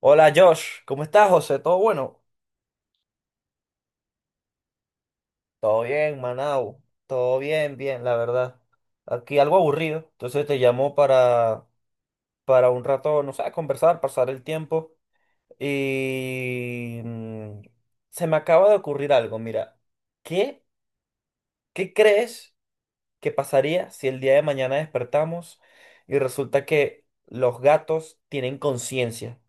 Hola Josh, ¿cómo estás, José? ¿Todo bueno? Todo bien, Manau. Todo bien, bien, la verdad. Aquí algo aburrido. Entonces te llamo para un rato, no sé, conversar, pasar el tiempo. Y se me acaba de ocurrir algo, mira. ¿Qué, ¿Qué crees que pasaría si el día de mañana despertamos y resulta que los gatos tienen conciencia,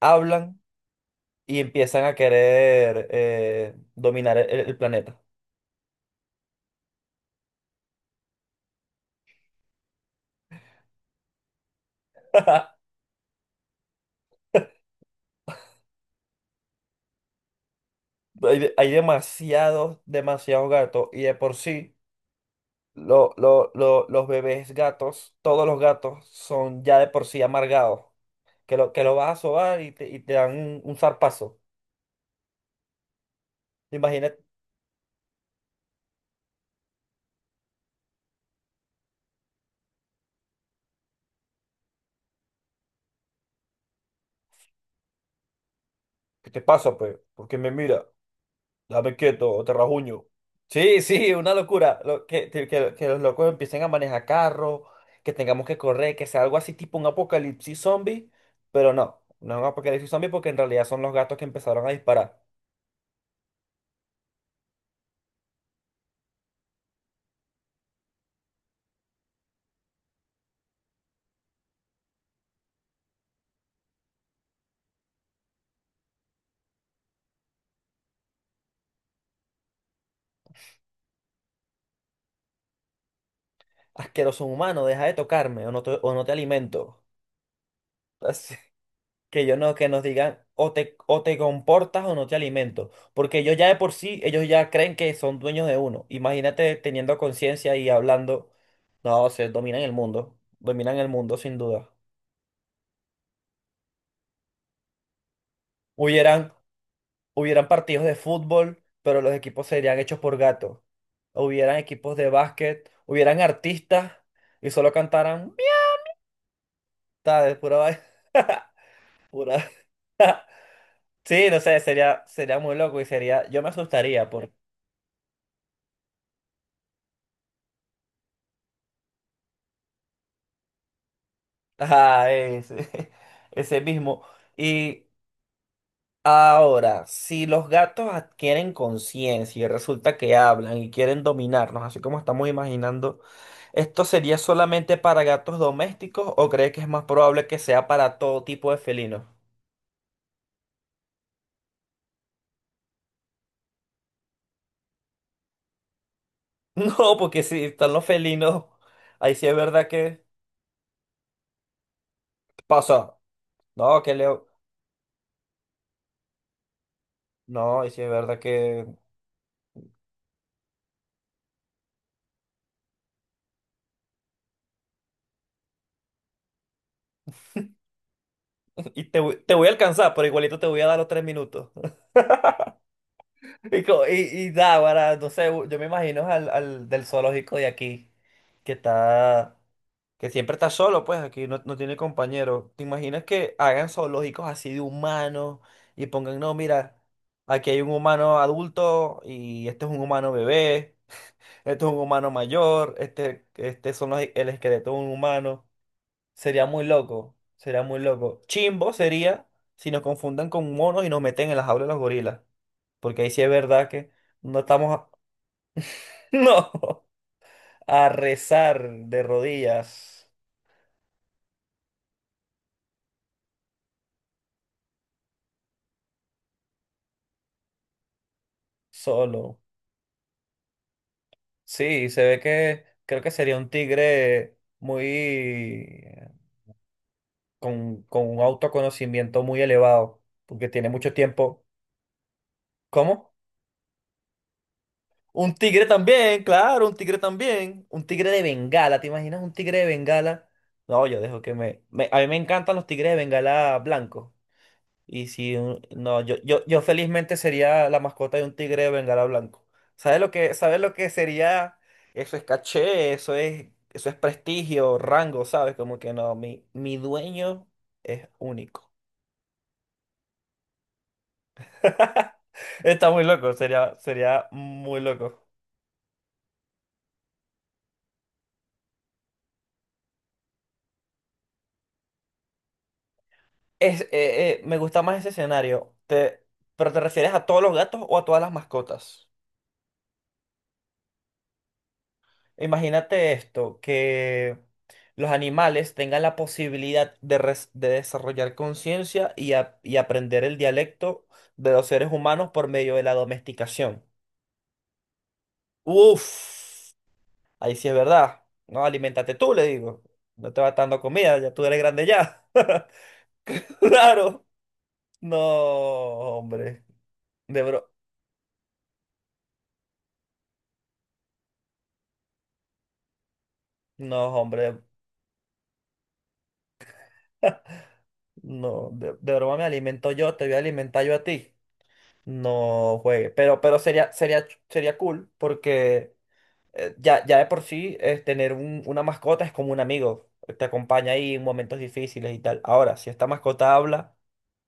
hablan y empiezan a querer dominar el planeta? Hay, hay demasiados, demasiados gatos y de por sí los bebés gatos, todos los gatos son ya de por sí amargados, que lo vas a sobar y te dan un zarpazo. Imagínate, ¿qué te pasa, pues? ¿Porque me mira? Dame quieto o te rajuño. Sí, sí, una locura. Lo, que los locos empiecen a manejar carros, que tengamos que correr, que sea algo así tipo un apocalipsis zombie, pero no, no es un apocalipsis zombie porque en realidad son los gatos que empezaron a disparar. Asqueroso humano, deja de tocarme o no te alimento. Así que yo no, que nos digan o te comportas o no te alimento. Porque ellos ya de por sí, ellos ya creen que son dueños de uno. Imagínate teniendo conciencia y hablando. No, se dominan el mundo. Dominan el mundo sin duda. Hubieran, hubieran partidos de fútbol, pero los equipos serían hechos por gatos. Hubieran equipos de básquet, hubieran artistas y solo cantaran mierda de pura vaina. Sí, no sé, sería, sería muy loco y sería, yo me asustaría por ajá, ese, ese mismo. Y ahora, si los gatos adquieren conciencia y resulta que hablan y quieren dominarnos, así como estamos imaginando, ¿esto sería solamente para gatos domésticos o crees que es más probable que sea para todo tipo de felinos? No, porque si están los felinos, ahí sí es verdad que pasa. No, que Leo, no, ahí sí es verdad que y te, te voy a alcanzar, pero igualito te voy a dar los 3 minutos. Y, y da, para, no sé, yo me imagino al, al del zoológico de aquí, que está, que siempre está solo, pues aquí no, no tiene compañero. ¿Te imaginas que hagan zoológicos así de humanos y pongan, no, mira, aquí hay un humano adulto y este es un humano bebé, este es un humano mayor, este son el esqueleto de un humano. Sería muy loco, sería muy loco. Chimbo sería si nos confundan con monos y nos meten en las aulas de los gorilas. Porque ahí sí es verdad que no estamos a... No, a rezar de rodillas solo. Sí, se ve que creo que sería un tigre muy... con un autoconocimiento muy elevado. Porque tiene mucho tiempo. ¿Cómo? Un tigre también, claro, un tigre también. Un tigre de Bengala, ¿te imaginas un tigre de Bengala? No, yo dejo que me... a mí me encantan los tigres de Bengala blancos. Y si... No, yo felizmente sería la mascota de un tigre de Bengala blanco. Sabes lo que sería? Eso es caché, eso es prestigio, rango, ¿sabes? Como que no, mi dueño es único. Está muy loco, sería, sería muy loco. Es, me gusta más ese escenario. Pero ¿te refieres a todos los gatos o a todas las mascotas? Imagínate esto, que los animales tengan la posibilidad de, de desarrollar conciencia y, y aprender el dialecto de los seres humanos por medio de la domesticación. Uf, ahí sí es verdad. No, alimentate tú, le digo. No te vas dando comida, ya tú eres grande ya. Claro. No, hombre. De bro. No, hombre. No, de broma me alimento yo, te voy a alimentar yo a ti. No juegue. Pero sería, sería, sería cool porque ya, ya de por sí tener una mascota es como un amigo. Te acompaña ahí en momentos difíciles y tal. Ahora, si esta mascota habla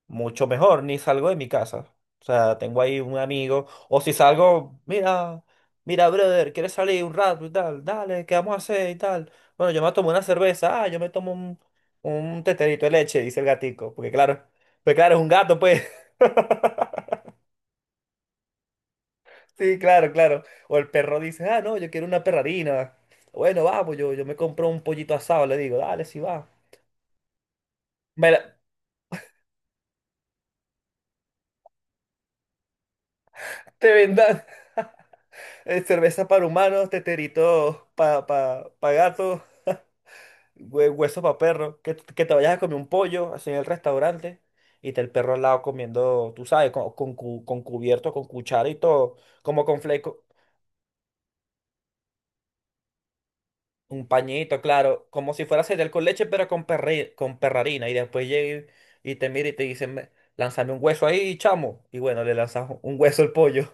mucho mejor, ni salgo de mi casa. O sea, tengo ahí un amigo, o si salgo, mira, mira, brother, ¿quieres salir un rato y tal? Dale, ¿qué vamos a hacer y tal? Bueno, yo me tomo una cerveza, ah, yo me tomo un teterito de leche, dice el gatico, porque claro, pues claro, es un gato, pues. Sí, claro, claro. O el perro dice, ah, no, yo quiero una perrarina. Bueno, vamos, yo me compro un pollito asado, le digo, dale, si va. Me la- te vendan cerveza para humanos, teterito para pa gatos. Hueso para perro, que, que te vayas a comer un pollo así en el restaurante y te el perro al lado comiendo, tú sabes, con, con cubierto, con cuchara y todo, como con fleco, un pañito, claro, como si fuera cereal con leche, pero con, con perrarina. Y después llega y te mira y te dice, lánzame un hueso ahí, chamo. Y bueno, le lanzas un hueso al pollo.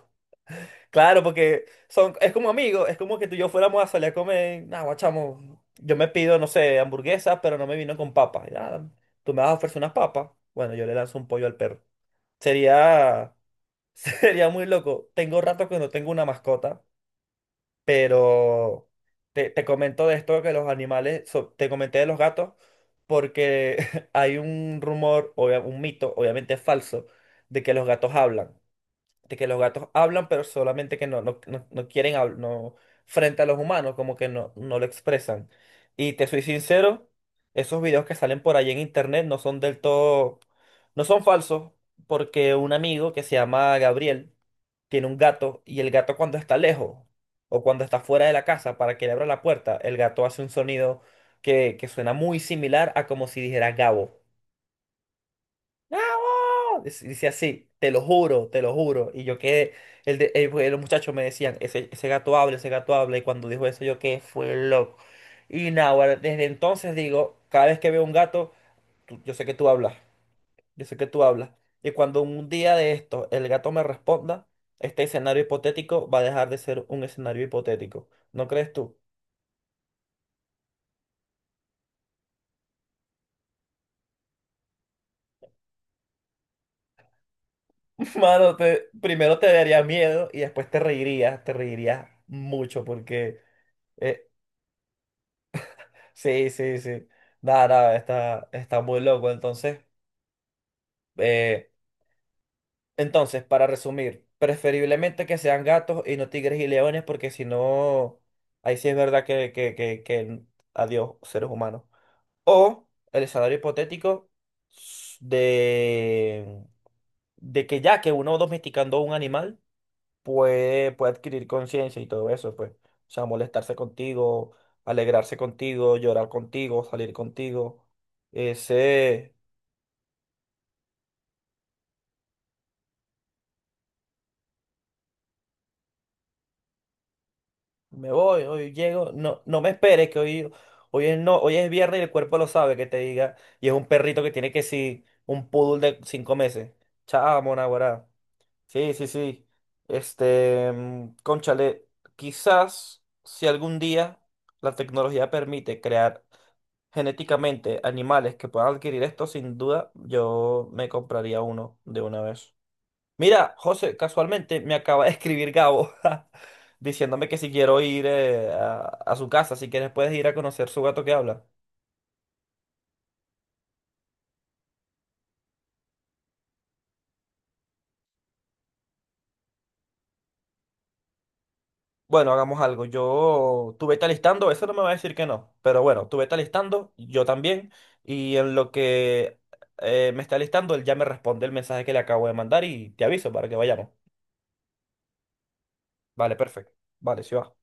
Claro, porque son, es como amigos, es como que tú y yo fuéramos a salir a comer, nah, guachamo, yo me pido, no sé, hamburguesas, pero no me vino con papas. Y, "Ah, tú me vas a ofrecer unas papas. Bueno, yo le lanzo un pollo al perro. Sería, sería muy loco. Tengo rato que no tengo una mascota, pero te comento de esto que los animales, te comenté de los gatos, porque hay un rumor, un mito, obviamente falso, de que los gatos hablan de que los gatos hablan, pero solamente que no, no, no, no quieren hablar, no, frente a los humanos, como que no, no lo expresan. Y te soy sincero, esos videos que salen por ahí en internet no son del todo, no son falsos, porque un amigo que se llama Gabriel tiene un gato y el gato cuando está lejos o cuando está fuera de la casa para que le abra la puerta, el gato hace un sonido que suena muy similar a como si dijera Gabo. Dice así, te lo juro, te lo juro. Y yo quedé, el de, pues, los muchachos me decían, ese gato habla, ese gato habla. Y cuando dijo eso, yo quedé, fue loco. Y nada, ahora, desde entonces digo, cada vez que veo un gato, yo sé que tú hablas, yo sé que tú hablas. Y cuando un día de esto el gato me responda, este escenario hipotético va a dejar de ser un escenario hipotético. ¿No crees tú? Mano, primero te daría miedo y después te reirías mucho porque... eh, sí, sí, sí. Nada, nada, está, está muy loco. Entonces, eh, entonces, para resumir, preferiblemente que sean gatos y no tigres y leones, porque si no, ahí sí es verdad que adiós, seres humanos. O el escenario hipotético s- de, de que ya que uno domesticando un animal puede, puede adquirir conciencia y todo eso, pues. O sea, molestarse contigo, alegrarse contigo, llorar contigo, salir contigo. Ese, me voy, hoy llego, no, no me esperes que hoy, hoy es no, hoy es viernes y el cuerpo lo sabe que te diga, y es un perrito que tiene que sí, un poodle de 5 meses. Chamo, naguará. Sí, sí, sí. Este, cónchale, quizás si algún día la tecnología permite crear genéticamente animales que puedan adquirir esto, sin duda yo me compraría uno de una vez. Mira, José, casualmente me acaba de escribir Gabo diciéndome que si quiero ir a su casa, si quieres puedes ir a conocer su gato que habla. Bueno, hagamos algo. Yo, tú vete alistando, eso no me va a decir que no, pero bueno, tú vete alistando, yo también, y en lo que me está alistando, él ya me responde el mensaje que le acabo de mandar y te aviso para que vayamos. Vale, perfecto. Vale, sí va.